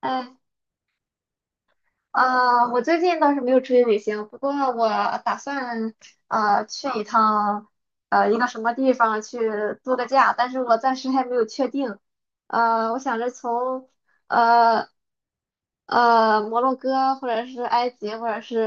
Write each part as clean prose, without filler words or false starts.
哎啊，我最近倒是没有出去旅行，不过我打算去一趟一个什么地方去度个假，但是我暂时还没有确定。我想着从呃摩洛哥或者是埃及或者是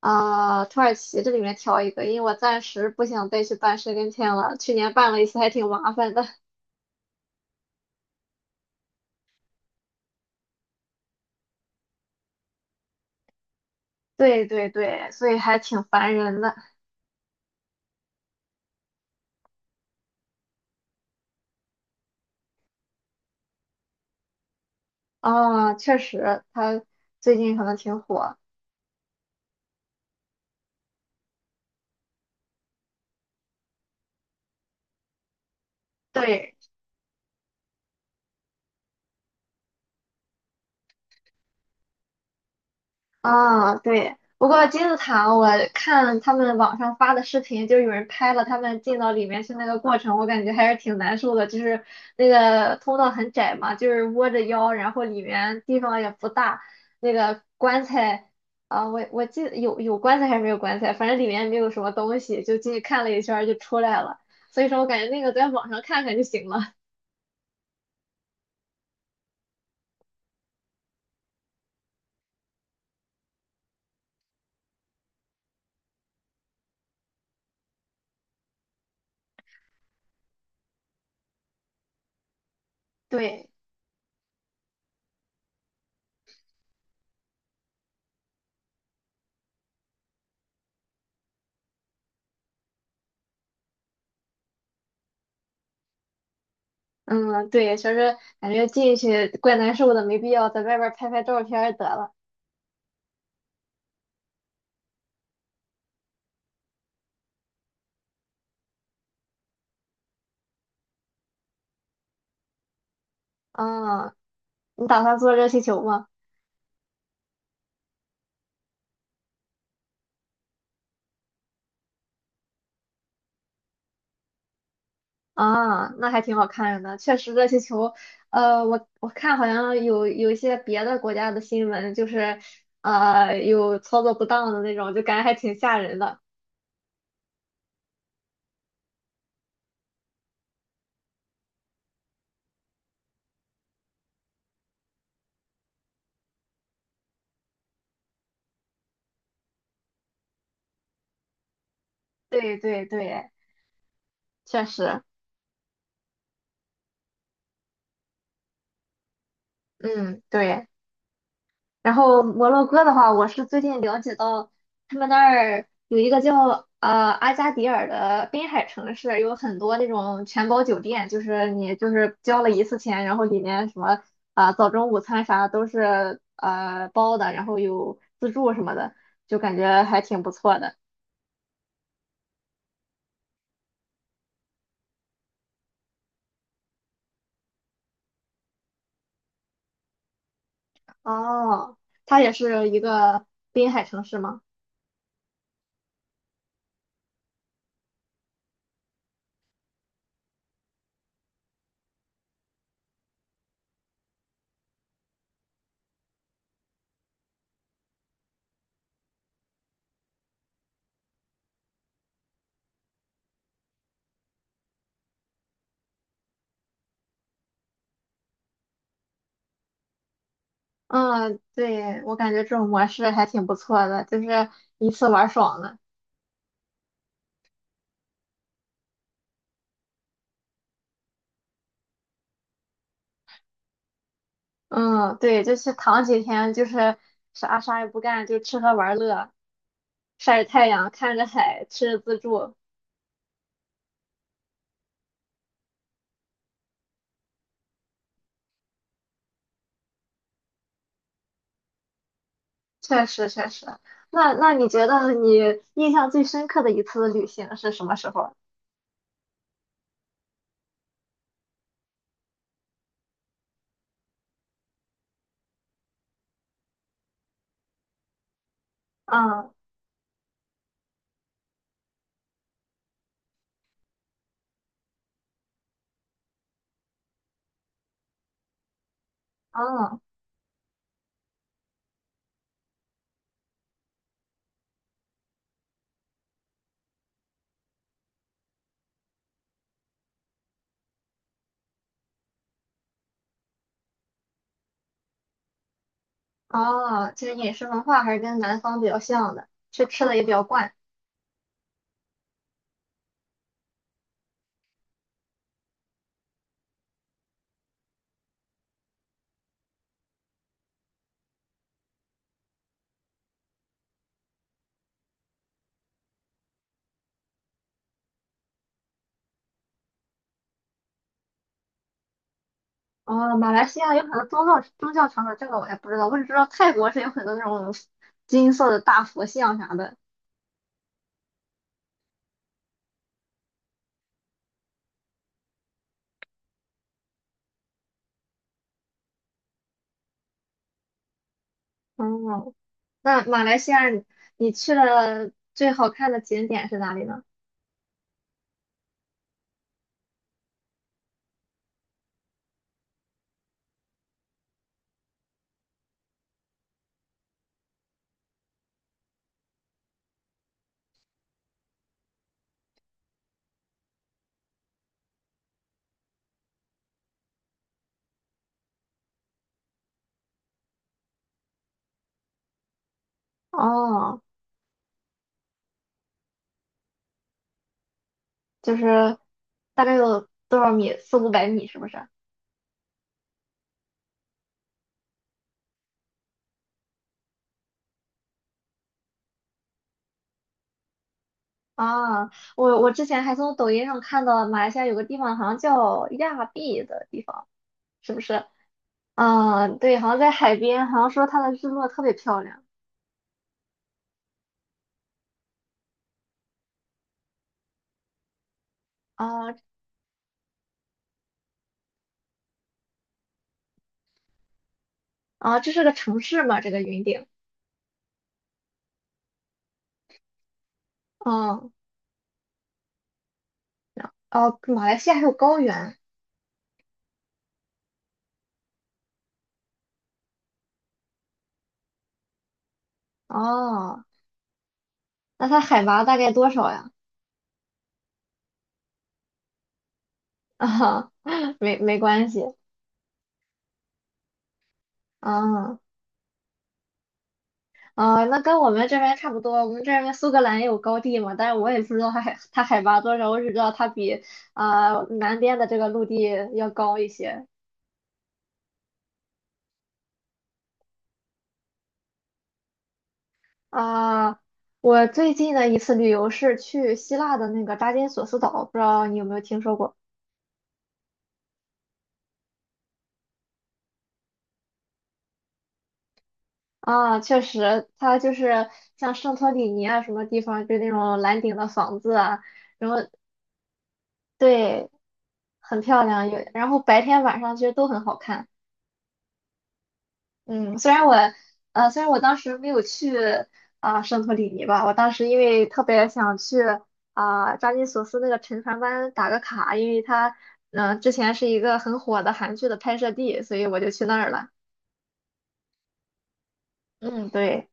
土耳其这里面挑一个，因为我暂时不想再去办申根签了，去年办了一次还挺麻烦的。对对对，所以还挺烦人的。啊，确实，他最近可能挺火。对，啊，对。不过金字塔，我看他们网上发的视频，就有人拍了他们进到里面去那个过程，我感觉还是挺难受的。就是那个通道很窄嘛，就是窝着腰，然后里面地方也不大，那个棺材啊，我记得有棺材还是没有棺材，反正里面没有什么东西，就进去看了一圈儿就出来了。所以说我感觉那个在网上看看就行了。对。嗯，对，确实感觉进去怪难受的，没必要在外边儿拍拍照片儿得了。啊，你打算做热气球吗？啊，那还挺好看的。确实，热气球，我我看好像有一些别的国家的新闻，就是有操作不当的那种，就感觉还挺吓人的。对对对，确实，嗯，对。然后摩洛哥的话，我是最近了解到他们那儿有一个叫阿加迪尔的滨海城市，有很多那种全包酒店，就是你就是交了一次钱，然后里面什么早中午餐啥都是包的，然后有自助什么的，就感觉还挺不错的。哦，它也是一个滨海城市吗？嗯，对，我感觉这种模式还挺不错的，就是一次玩爽了。嗯，对，就是躺几天，就是啥啥也不干，就吃喝玩乐，晒着太阳，看着海，吃着自助，确实确实。那你觉得你印象最深刻的一次旅行是什么时候？嗯，哦哦，其实饮食文化还是跟南方比较像的，吃吃的也比较惯。哦，马来西亚有很多宗教场所，这个我也不知道，我只知道泰国是有很多那种 金色的大佛像啥的。哦。那马来西亚你去了最好看的景点是哪里呢？哦，就是大概有多少米？四五百米是不是？啊，我我之前还从抖音上看到马来西亚有个地方好像叫亚庇的地方，是不是？嗯，对，好像在海边，好像说它的日落特别漂亮。啊啊，这是个城市嘛？这个云顶。嗯，哦，马来西亚还有高原。哦，那它海拔大概多少呀？啊，没没关系。啊啊，那跟我们这边差不多。我们这边苏格兰也有高地嘛，但是我也不知道它海 它海拔多少，我只知道它比南边的这个陆地要高一些。啊、我最近的一次旅游是去希腊的那个扎金索斯岛，不知道你有没有听说过？啊，确实，它就是像圣托里尼啊什么地方，就那种蓝顶的房子啊，对，很漂亮。有，然后白天晚上其实都很好看。嗯，虽然我，虽然我当时没有去圣托里尼吧，我当时因为特别想去扎金索斯那个沉船湾打个卡，因为它，之前是一个很火的韩剧的拍摄地，所以我就去那儿了。嗯，对，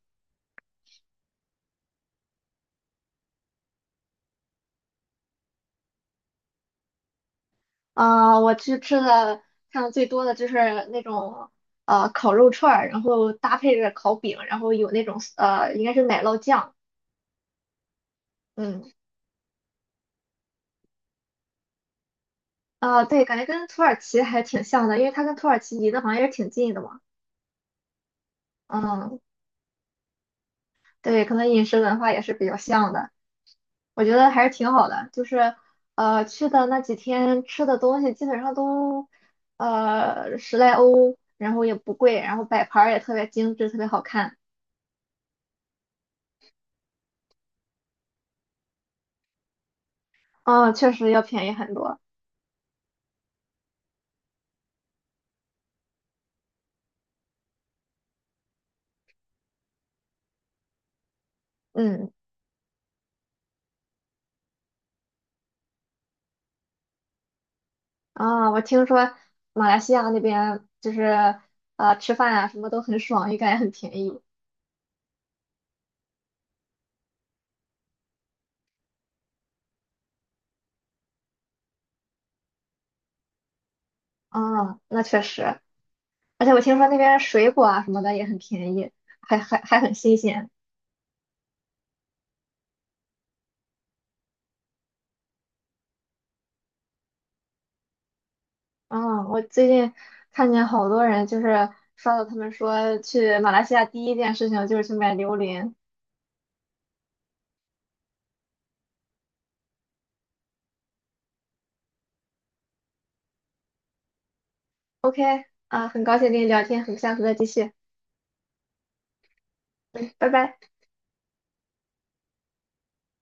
我去吃的看的最多的就是那种烤肉串儿，然后搭配着烤饼，然后有那种应该是奶酪酱，嗯，啊、对，感觉跟土耳其还挺像的，因为它跟土耳其离得好像也挺近的嘛。嗯，对，可能饮食文化也是比较像的，我觉得还是挺好的。就是，去的那几天吃的东西基本上都，十来欧，然后也不贵，然后摆盘儿也特别精致，特别好看。啊，确实要便宜很多。嗯，啊，我听说马来西亚那边就是，吃饭啊什么都很爽，感觉很便宜。啊，那确实，而且我听说那边水果啊什么的也很便宜，还还很新鲜。嗯，我最近看见好多人就是刷到他们说去马来西亚第一件事情就是去买榴莲。OK，啊，很高兴跟你聊天，很，们下次再继续，拜拜。